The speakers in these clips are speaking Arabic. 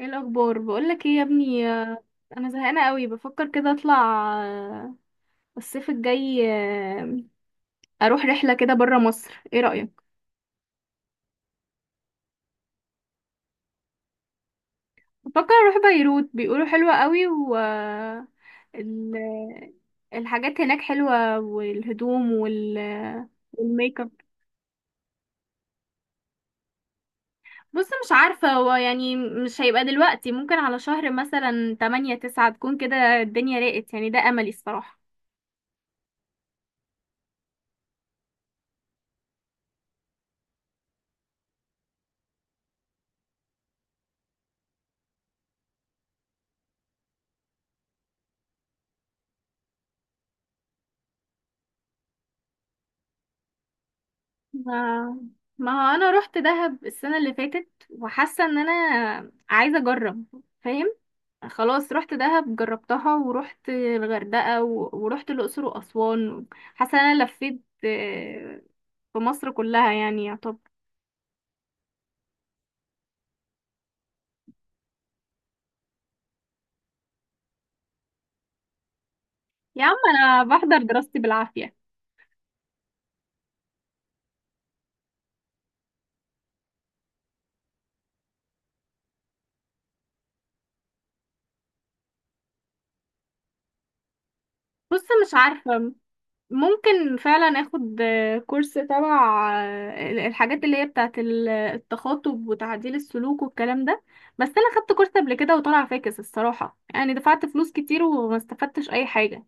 ايه الاخبار؟ بقولك ايه يا ابني؟ انا زهقانه قوي، بفكر كده اطلع، آه، الصيف الجاي، اروح رحله كده برا مصر. ايه رايك؟ بفكر اروح بيروت، بيقولوا حلوه قوي، و ال... الحاجات هناك حلوه، والهدوم والميك اب. بص، مش عارفه، هو يعني مش هيبقى دلوقتي. ممكن على شهر مثلا 8 9 تكون كده الدنيا راقت، يعني ده املي الصراحه. ما ما هو انا رحت دهب السنه اللي فاتت، وحاسه ان انا عايزه اجرب. فاهم؟ خلاص، رحت دهب جربتها، ورحت الغردقه ورحت الاقصر واسوان. حاسه ان انا لفيت في مصر كلها يعني، يا طب. يا عم، انا بحضر دراستي بالعافيه. بص، مش عارفه. ممكن فعلا اخد كورس تبع الحاجات اللي هي بتاعه التخاطب وتعديل السلوك والكلام ده. بس انا خدت كورس قبل كده وطلع فاكس الصراحة، يعني دفعت فلوس كتير وما استفدتش اي حاجة.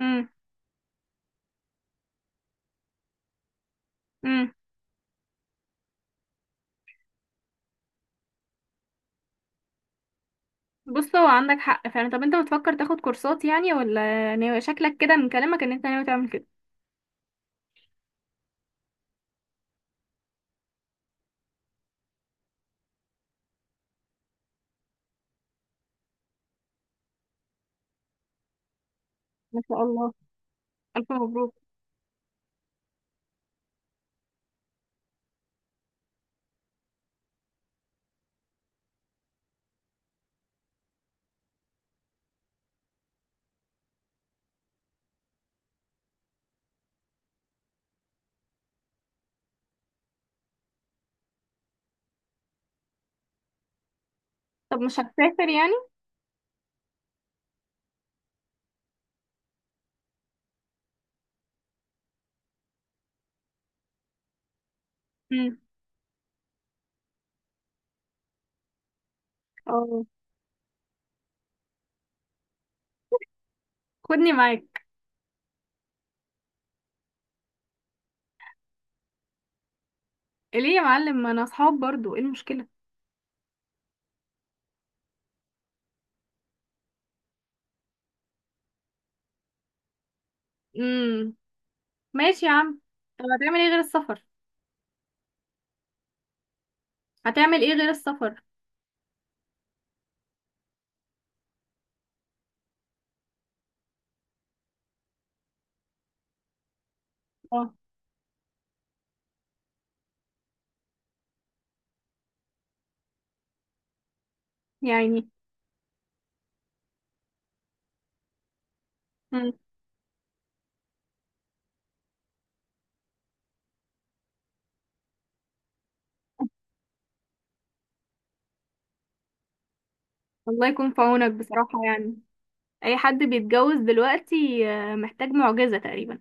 امم. امم. بص، هو عندك حق فعلا. طب انت بتفكر تاخد كورسات يعني؟ ولا ناوي؟ شكلك كده من كلامك ان انت ناوي تعمل كده. ما شاء الله، الف مبروك. طب مش هتسافر يعني؟ امم. اه. خدني معاك. ليه يا معلم؟ ما انا اصحاب برضو، ايه المشكلة؟ مم. ماشي يا عم. طب هتعمل ايه غير السفر؟ هتعمل ايه غير السفر؟ اه. يعني. مم. الله يكون في عونك بصراحة، يعني اي حد بيتجوز دلوقتي محتاج معجزة تقريبا.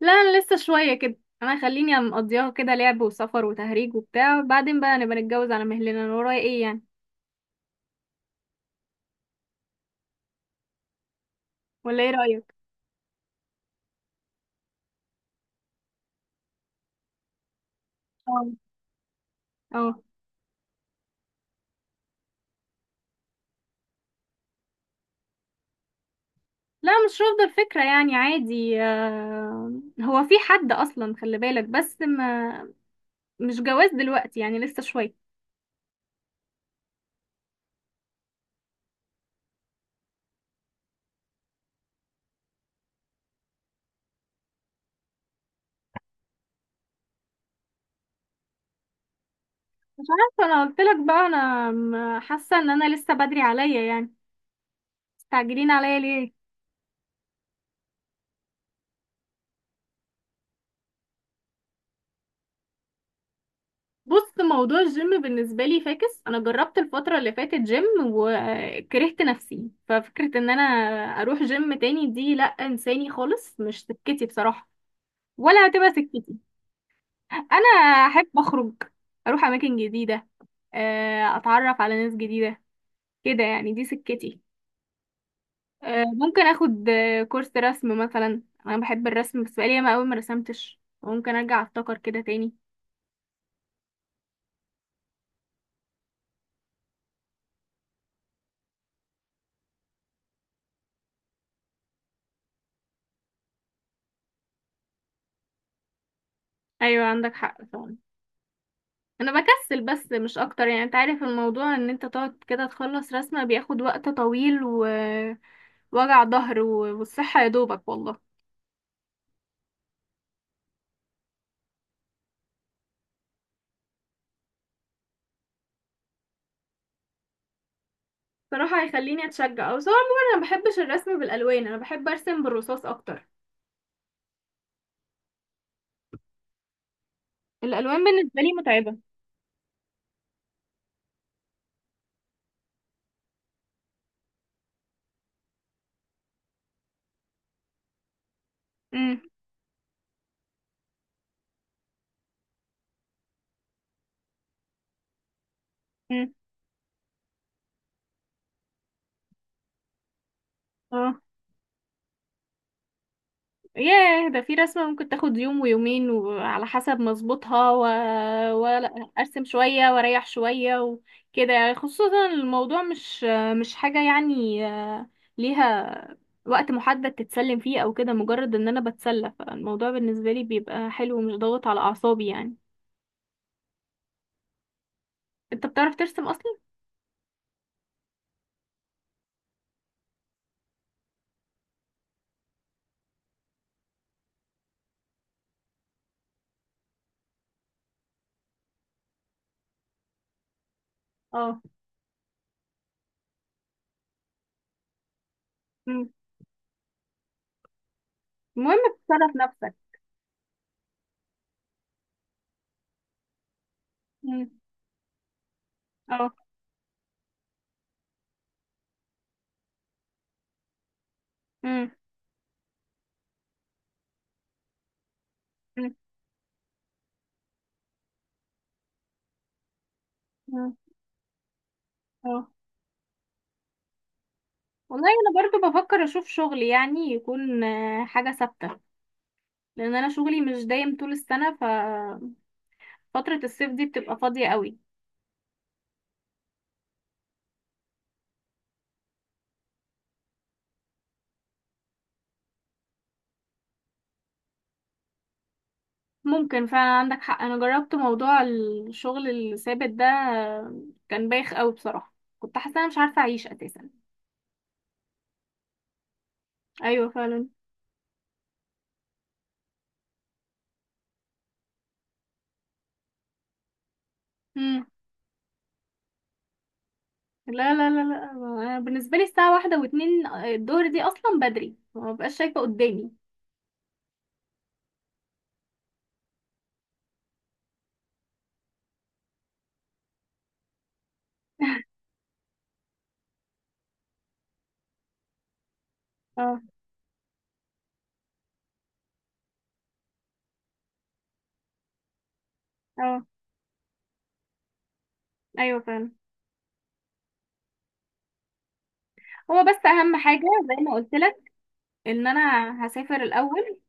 لا، انا لسه شوية كده. انا خليني مقضيها كده، لعب وسفر وتهريج وبتاع، بعدين بقى نبقى نتجوز على مهلنا، انا ورايا ايه يعني؟ ولا ايه رأيك؟ اه. اه. لا، مش رافضة الفكرة، يعني عادي. هو في حد اصلا، خلي بالك. بس ما، مش جواز دلوقتي يعني، لسه شوية. فانا قلت لك بقى، انا حاسه ان انا لسه بدري عليا، يعني مستعجلين عليا ليه؟ بص، موضوع الجيم بالنسبه لي فاكس. انا جربت الفتره اللي فاتت جيم وكرهت نفسي، ففكره ان انا اروح جيم تاني دي، لا، انساني خالص، مش سكتي بصراحه، ولا هتبقى سكتي. انا احب اخرج، اروح اماكن جديده، اتعرف على ناس جديده، كده يعني، دي سكتي. ممكن اخد كورس رسم مثلا، انا بحب الرسم، بس بقالي ياما قوي ما رسمتش، ممكن ارجع افتكر كده تاني. ايوه، عندك حق فعلا. انا بكسل بس، مش اكتر يعني. انت عارف الموضوع، ان انت تقعد كده تخلص رسمة بياخد وقت طويل، ووجع ظهر والصحة يا دوبك والله. صراحة هيخليني اتشجع او سواء. عموما انا ما بحبش الرسم بالالوان، انا بحب ارسم بالرصاص اكتر. الالوان بالنسبة لي متعبة. امم. امم. اه. ياه، ده في رسمة ممكن تاخد يوم ويومين، وعلى حسب مظبوطها، ولا ارسم شوية واريح شوية وكده يعني، خصوصا الموضوع مش حاجة يعني ليها وقت محدد تتسلم فيه او كده، مجرد ان انا بتسلى، فالموضوع بالنسبة لي بيبقى حلو ومش ضاغط على اعصابي يعني. انت بتعرف ترسم اصلا؟ اه. مم. المهم تتصرف نفسك. مم. اه. مم. مم. مم. اه والله، انا برضو بفكر اشوف شغل يعني، يكون حاجة ثابتة. لان انا شغلي مش دايم طول السنه، ففتره الصيف دي بتبقى فاضيه قوي. ممكن فعلا، عندك حق. انا جربت موضوع الشغل الثابت ده، كان بايخ قوي بصراحه. كنت حاسه انا مش عارفه اعيش اساسا. ايوه فعلا. مم. لا، لا، لا، لا. أنا بالنسبه لي الساعه واحدة واتنين الظهر دي اصلا بدري، ما ببقاش شايفه قدامي. اه. اه. ايوه فعلا. هو بس اهم حاجه زي ما قلت لك، ان انا هسافر الاول.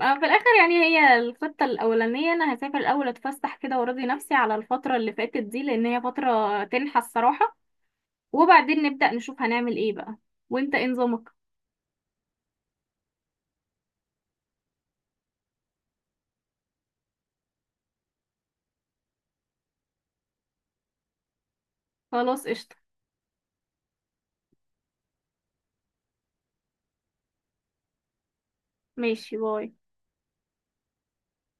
في الاخر يعني، هي الخطه الاولانيه، انا هسافر الاول، اتفسح كده وارضي نفسي على الفتره اللي فاتت دي، لان هي فتره تنحى الصراحه. وبعدين نبدا نشوف هنعمل ايه بقى. وانت ايه نظامك؟ خلاص، قشطه. ماشي، باي.